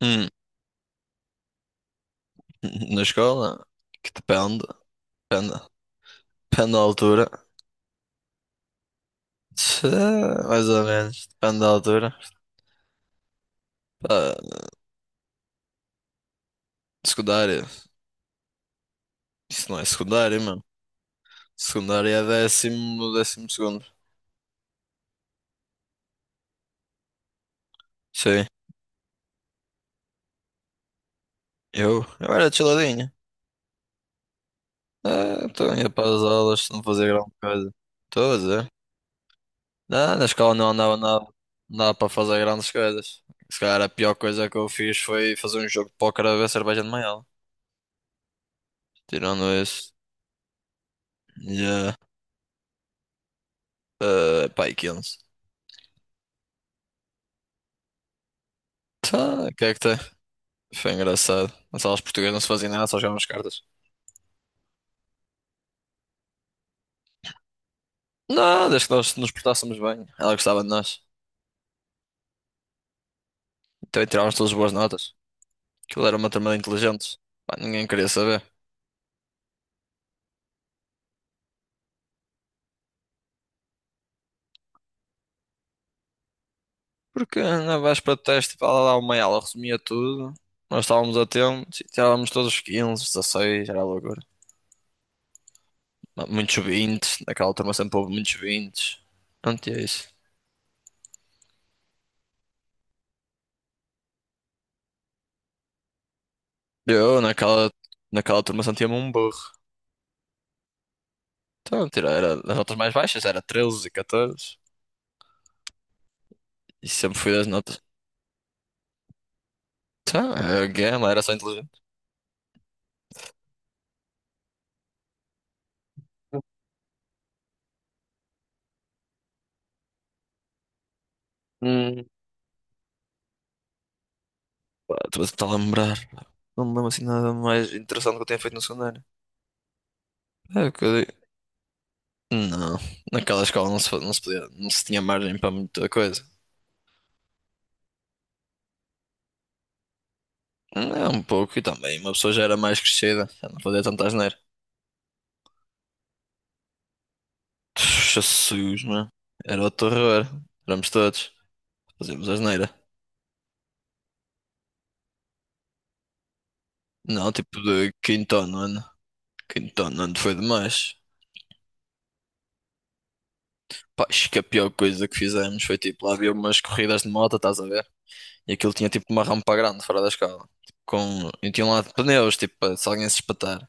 Hum. Na escola? Que depende. Depende, depende da altura. Tchê, mais ou menos. Depende da altura. Pá, secundária. Isso não é secundária, mano. Secundária é décimo, décimo segundo. Sim. Eu? Eu era chiladinho. Ah, então ia para as aulas, não fazia grande coisa. Estou a dizer. Ah, na escola não andava nada. Não dava para fazer grandes coisas. Se calhar a pior coisa que eu fiz foi fazer um jogo de póquer a ver cerveja de manhã. Tirando isso. Pá, e 15. Tá, o que é que tem? Foi engraçado. As aulas portuguesas não se faziam nada, só jogavam as cartas. Não, desde que nós nos portássemos bem. Ela gostava de nós. Então tirávamos todas as boas notas. Aquilo era uma turma de inteligentes. Pá, ninguém queria saber. Porque na véspera do teste, pá, ela dava uma aula, resumia tudo. Nós estávamos atentos e tirávamos todos os 15, 16, era loucura. Muitos 20, naquela turma sempre houve muitos 20. Não tinha isso. Eu, naquela turma sentia-me um burro. Então, tira, era das notas mais baixas, era 13, 14, e sempre fui das notas. Então, a gama era só inteligente. Hum. Pá, estou a tentar lembrar. Não me lembro assim nada mais interessante que eu tenha feito no secundário. É o que eu digo. Não, naquela escola não se podia, não se tinha margem para muita coisa. É um pouco, e também uma pessoa já era mais crescida, já não fazia tanta asneira. Jesus, mano. Era o terror. Éramos todos. Fazíamos asneira. Não, tipo de quinto ano. Quinto ano foi demais. Pá, acho que a pior coisa que fizemos foi tipo, lá havia umas corridas de moto, estás a ver? E aquilo tinha tipo uma rampa grande fora da escala. Tipo, com... E tinha lá pneus, tipo, para se alguém se espatar.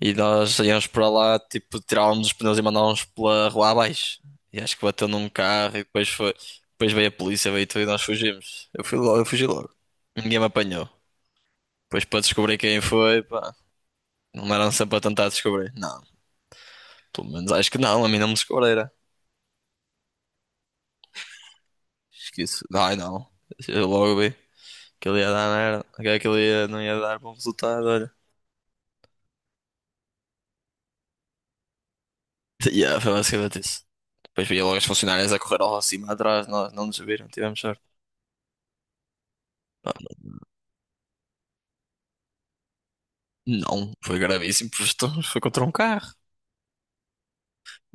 E nós íamos para lá, tipo, tirávamos os pneus e mandávamos pela rua abaixo. E acho que bateu num carro e depois foi. Depois veio a polícia, veio tudo e nós fugimos. Eu fui logo, eu fugi logo. Ninguém me apanhou. Depois para descobrir quem foi, pá, não eram sempre a tentar descobrir. Não, pelo menos acho que não, a mim não me descobriram. Acho que isso. Ai não, eu logo vi. Aquilo ia dar merda. Aquilo ia, não ia dar bom resultado, olha. Yeah, foi basicamente isso. Depois via logo as funcionárias a correr ao cima atrás, nós não nos viram, tivemos sorte. Pá, não, foi gravíssimo, porque foi contra um carro.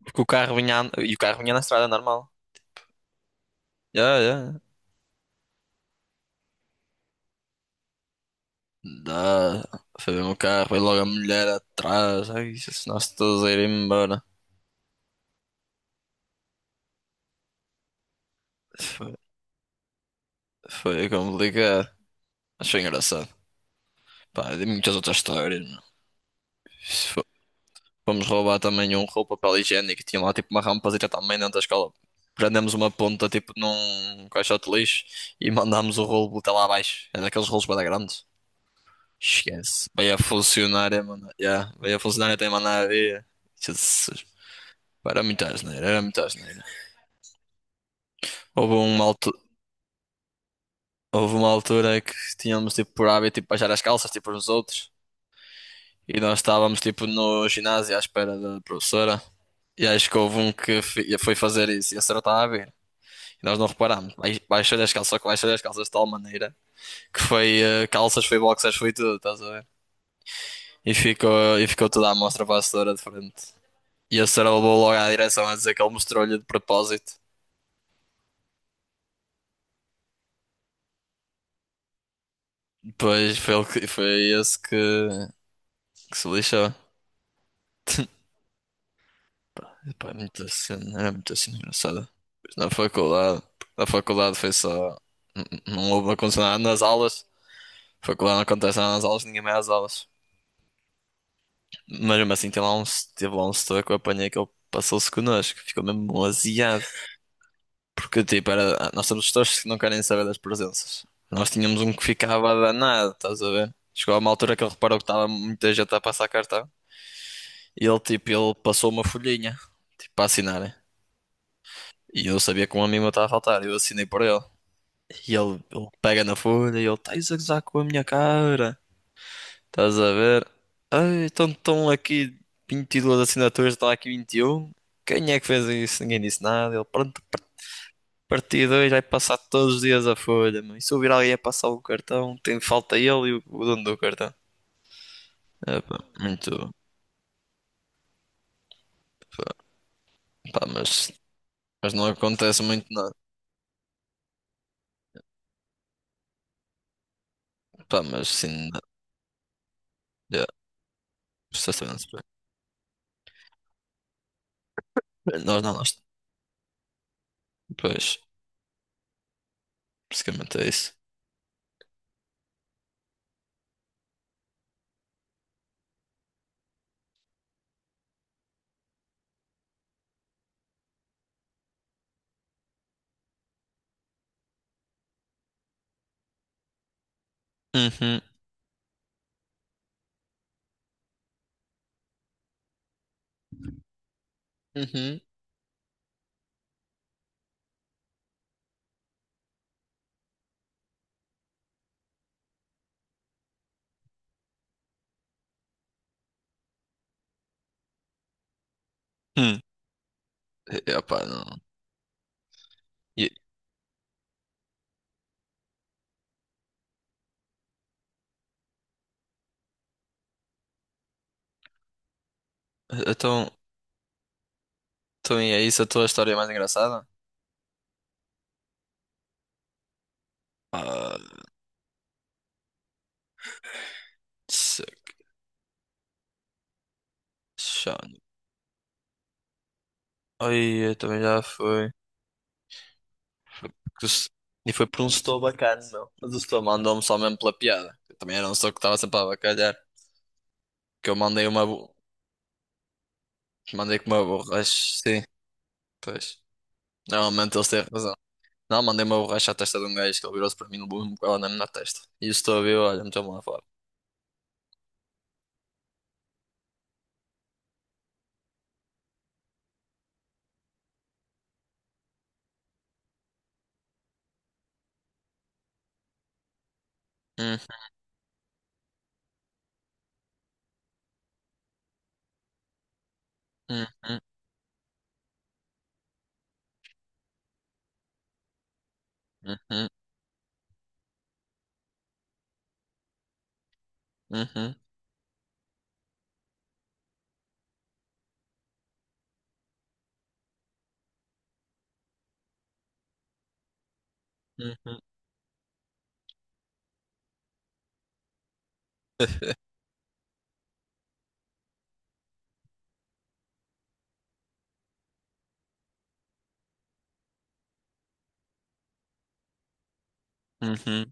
Porque o carro vinha, a- e o carro vinha na estrada normal. Yeah, yeah. Dá, foi mesmo o carro, foi logo a mulher atrás, ai, se nós todos a ir embora. Foi, foi complicado, mas foi engraçado. Pá, de muitas outras histórias, meu. Isso. Fomos roubar também um rolo de papel higiênico. Tinha lá tipo uma rampazita também dentro da escola. Prendemos uma ponta tipo num caixote de lixo e mandámos o rolo até lá abaixo. Era daqueles rolos bem grandes. Esquece. Veio a funcionária, mano. Yeah. Veio a funcionária até mandar a ver. Jesus. Pá, era muita asneira, era muita asneira. Houve uma altura, houve uma altura que tínhamos tipo por hábito tipo, baixar as calças tipo uns aos outros. E nós estávamos tipo no ginásio à espera da professora. E acho que houve um que foi fazer isso e a senhora estava a ver. E nós não reparámos. Baixou-lhe as calças, só que baixou-lhe as calças de tal maneira que foi calças, foi boxers, foi tudo, estás a ver? E ficou toda a mostra para a senhora de frente. E a senhora levou logo à direção a dizer que ele mostrou-lhe de propósito. Depois foi, ele que, foi esse que se lixou. Pá, é muito assim, era muito assim engraçado. Pois. Na faculdade foi só. Não houve não aconteceu nada nas aulas. Faculdade não acontece nada nas aulas, ninguém vai às aulas. Mas mesmo assim, teve lá um setor que eu apanhei que ele passou-se connosco, ficou mesmo aziado. Porque, tipo, nós temos setores que não querem saber das presenças. Nós tínhamos um que ficava danado, estás a ver? Chegou a uma altura que ele reparou que estava muita gente a passar cartão, e ele, tipo, ele passou uma folhinha, tipo, para assinarem. E eu sabia que um amigo meu estava a faltar, eu assinei por ele. E ele pega na folha e ele, estás a gozar com a minha cara. Estás a ver? Ai, então estão aqui 22 assinaturas, está aqui 21. Quem é que fez isso? Ninguém disse nada. Ele, pronto, partido 2 vai passar todos os dias a folha. Mano. E se ouvir alguém a passar o cartão, tem falta ele e o dono do cartão. É, pá, muito. Pá, pá, mas não acontece muito nada. Pá, mas sim, já, vocês também não se preocupem. Nós não, nós. Pois, basicamente é isso. Uhum, uhum, hum. E, opá, não. E, então, então e é isso a tua história mais engraçada? Ah, Cristiano. Ai, eu também já foi. E foi por um setor bacana, meu. Mas o setor mandou-me só mesmo pela piada. Eu também era um setor que estava sempre a bacalhar. Que eu mandei uma. Mandei com uma borracha. Sim, pois. Normalmente eles têm razão. Não, mandei uma borracha à testa de um gajo que ele virou-se para mim no levou-me com ela na testa. E o setor viu, olha, meteu-me lá fora. Hum, hum, hum, uhum, uhum, uhum, uhum,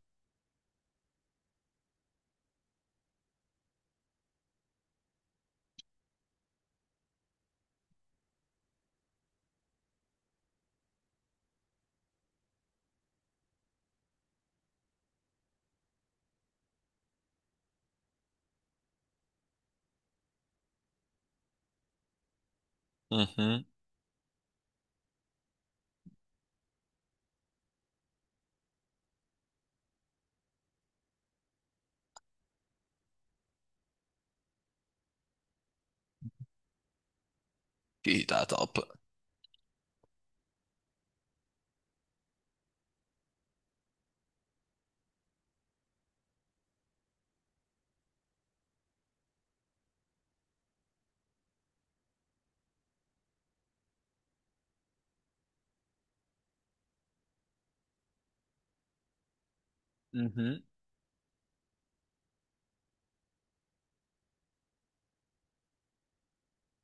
uhum. E tá top.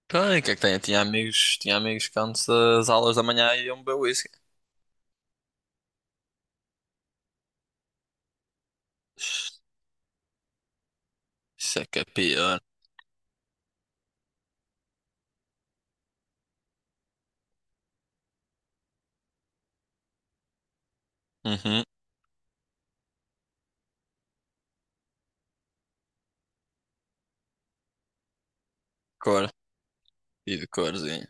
Tem, o que é que tem? Tinha amigos que antes das aulas da manhã iam beber whisky. Isso é que é pior. Uhum. Cor. E de corzinho.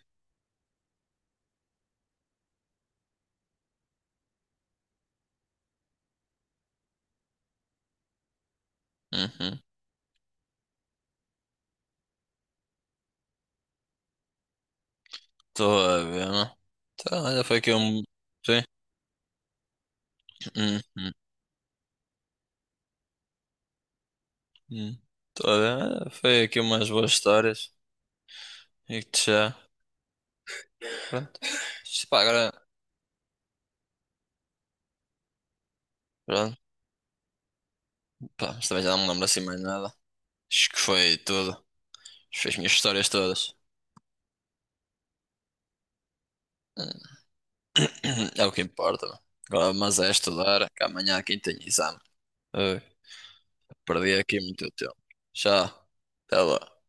Uhum. Estou a ver, não? Então, olha, foi aqui um. Sim. Uhum. Uhum. Estou a ver. Olha, foi aqui umas boas histórias. E que já. Pronto. Isto, pá, agora. Pronto. Pá, mas também já não me lembro assim mais nada. Acho que foi tudo. Fez minhas histórias todas. Hum. É o que importa, não? Agora, mas é estudar, que amanhã aqui tem exame. Perdi aqui muito tempo. Tchau. Até lá.